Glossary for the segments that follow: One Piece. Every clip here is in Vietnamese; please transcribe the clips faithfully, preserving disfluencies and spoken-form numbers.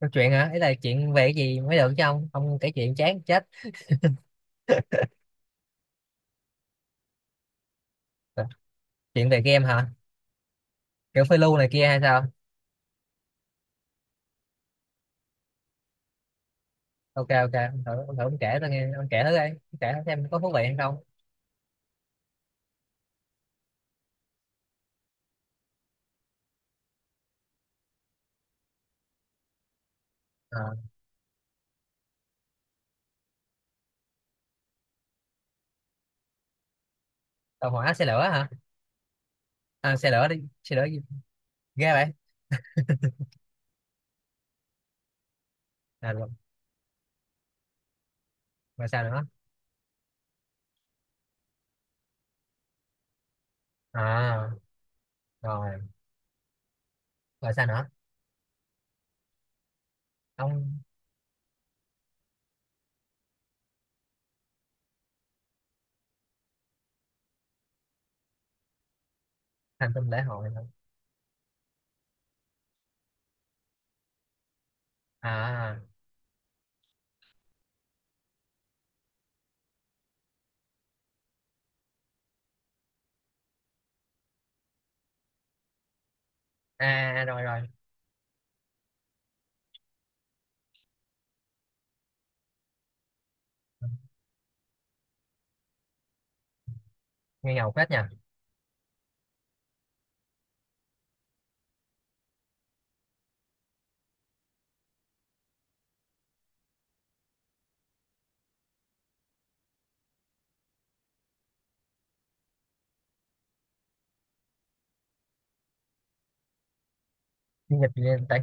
Câu chuyện hả? Ý là chuyện về cái gì mới được chứ không không kể chuyện chán chết. Ờ, Chuyện về game hả? Kiểu phiêu lưu này kia hay sao? Ok ok, ông thử, ông thử ông kể tôi nghe, ông kể thử đi. Ông kể thử xem có thú vị hay không. À, tàu hỏa xe lửa hả? À, xe lửa đi, xe lửa gì? Ghê vậy? À, rồi, rồi sao nữa? À, rồi, rồi sao nữa? Ông thành tâm lễ hội hả? À, à, à, rồi rồi, nghe ngầu phết nha. Dung dịch tẩy,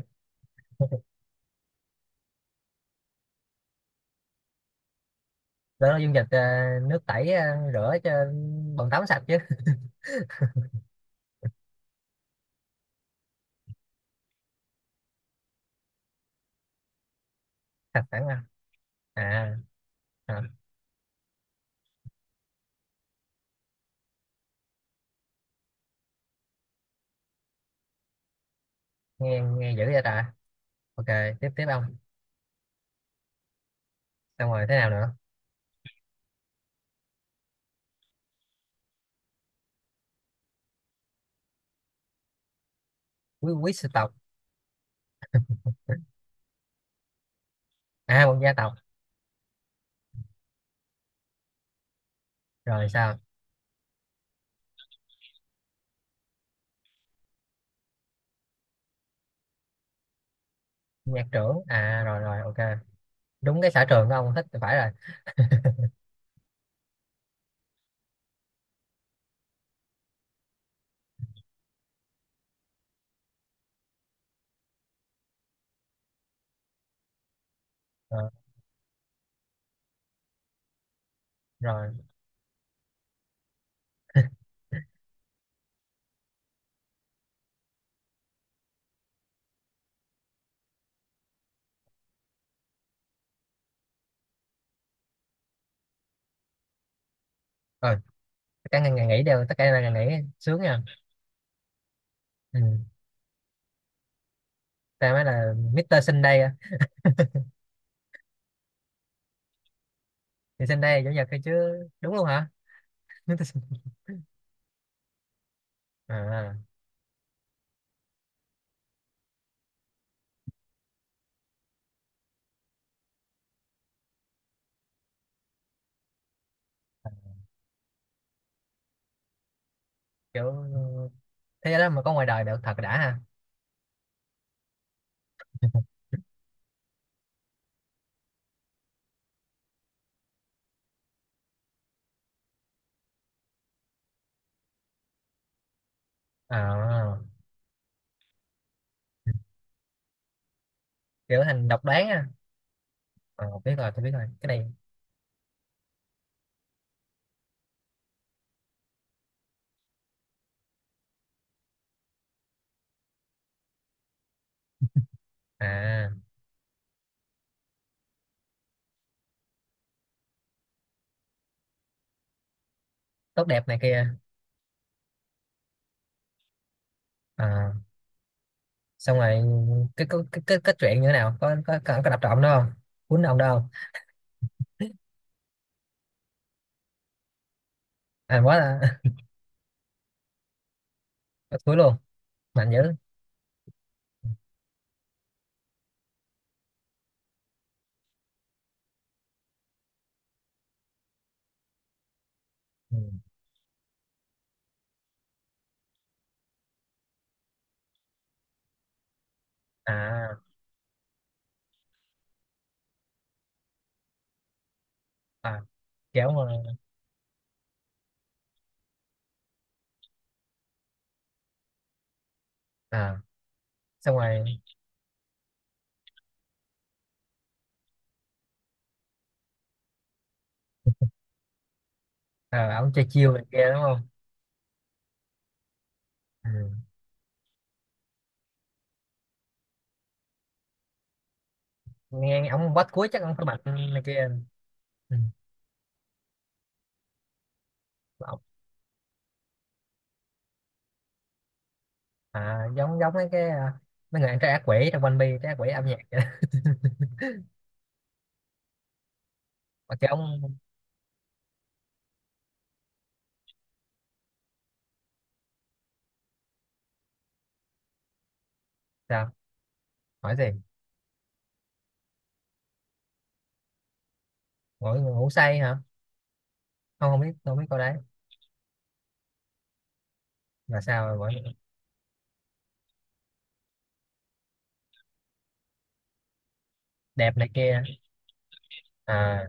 đó là dung dịch ờ, nước tẩy ờ, rửa cho bồn tắm sạch chứ, sạch sẵn mà. À, à. Nghe nghe dữ vậy ta. Ok, tiếp tiếp ông, xong rồi thế nào nữa? Quý quý sư tộc. À một gia tộc. Rồi sao? Nhạc trưởng à, rồi rồi ok, đúng cái sở trường của ông thích thì phải rồi. Ờ, rồi, rồi. Ừ, tất cả ngày ngày nghỉ đều tất cả ngày ngày nghỉ sướng nha. Ừ. Ta mới là mi-tơ Sunday á. Thì Sunday là chủ nhật thôi chứ. Đúng luôn hả? mít-xtờ Sunday. À, kiểu thế đó mà có ngoài đời được thật đã ha. À, kiểu thành độc đoán á. À, biết rồi, tôi biết rồi cái này. À tốt đẹp này kia. À, xong rồi cái cái cái, cái, cái chuyện như thế nào, có có có, có đập trộm đâu không, cuốn ông đâu không? À quá là bắt cuối luôn. Mạnh dữ. Ừ. à à kéo mà. À xong rồi, à, ông chơi chiêu này kia đúng không? Ừ. Nghe ông bắt cuối chắc ông phải mạnh này kia. Ừ. Ông- à giống giống mấy cái, à, mấy người ăn trái ác quỷ trong One Piece, trái ác quỷ âm nhạc vậy đó. Mà cái ông sao, hỏi gì? Ngủ ngủ say hả? Không không biết, không biết câu đấy. Là sao rồi, gọi? Đẹp này kia. À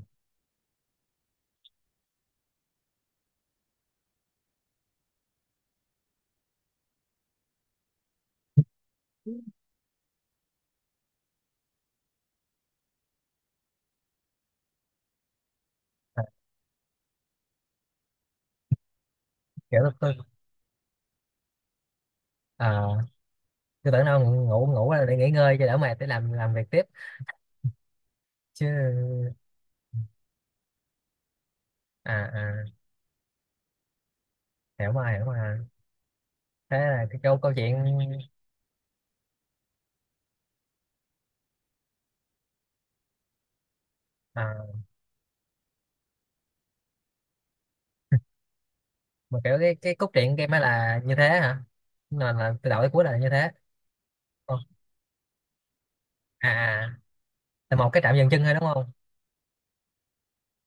kiểu tôi, tôi à, tôi tưởng đâu ngủ ngủ ngủ là để nghỉ ngơi cho đỡ mệt để làm làm việc tiếp chứ. À à hiểu mà, hiểu mà. Thế là cái câu câu chuyện, à, mà kiểu cái cái cốt truyện game ấy là như thế hả? Là, là từ đầu tới cuối là như thế. Ồ, à à, là một cái trạm dừng chân thôi đúng không?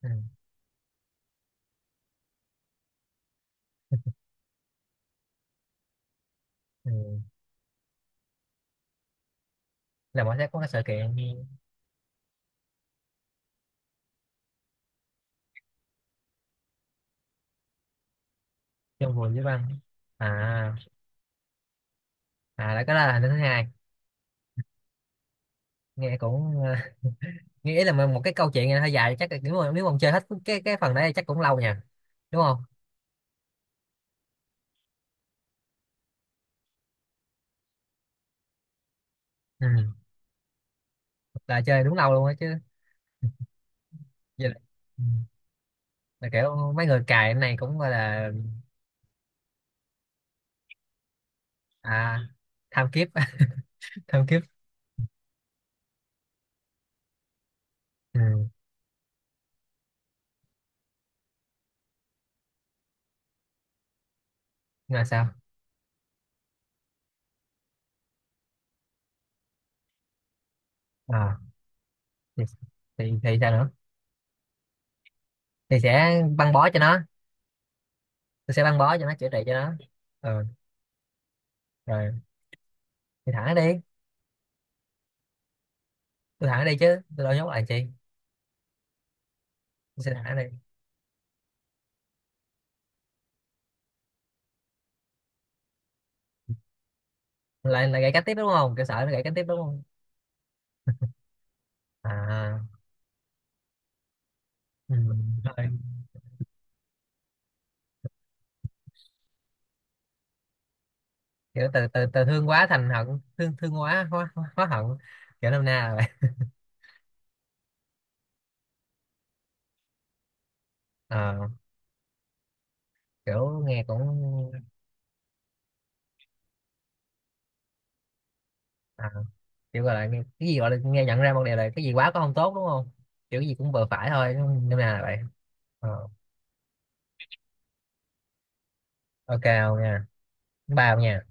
Ừ, ừ. Là mỗi sẽ có cái sự kiện trong vườn với băng. À à là cái đó là thứ hai. Nghe cũng, ờ, nghĩ là một cái câu chuyện này hơi dài, chắc là nếu mà nếu mà ông chơi hết cái cái phần đấy chắc cũng lâu nha, đúng không? Ừ, là chơi đúng lâu luôn á chứ. Vậy là, ừ, là kiểu mấy người cài cái này cũng gọi là à, tham kiếp. Tham kiếp. Ừ. Là sao? À, thì, thì, thì sao nữa? Thì sẽ băng bó cho nó. Tôi sẽ băng bó cho nó, chữa trị cho nó. Ừ. Rồi thì thả nó đi. Tôi thả nó đi chứ tôi đâu nhốt lại làm chi. Tôi sẽ thả nó đi. Lại lại gãy cánh tiếp đúng không, kiểu sợ nó gãy cánh tiếp đúng không? À ừ. Rồi. Kiểu từ từ từ thương quá thành hận, thương thương quá hóa, hóa hận. Kiểu năm na rồi. Ờ, kiểu nghe cũng, à, kiểu gọi là nghe- cái gì gọi là nghe, nhận ra một điều là cái gì quá cũng không tốt đúng không? Kiểu gì cũng vừa phải thôi không- năm nào là vậy. Ờ, ok không nha. Ba không nha.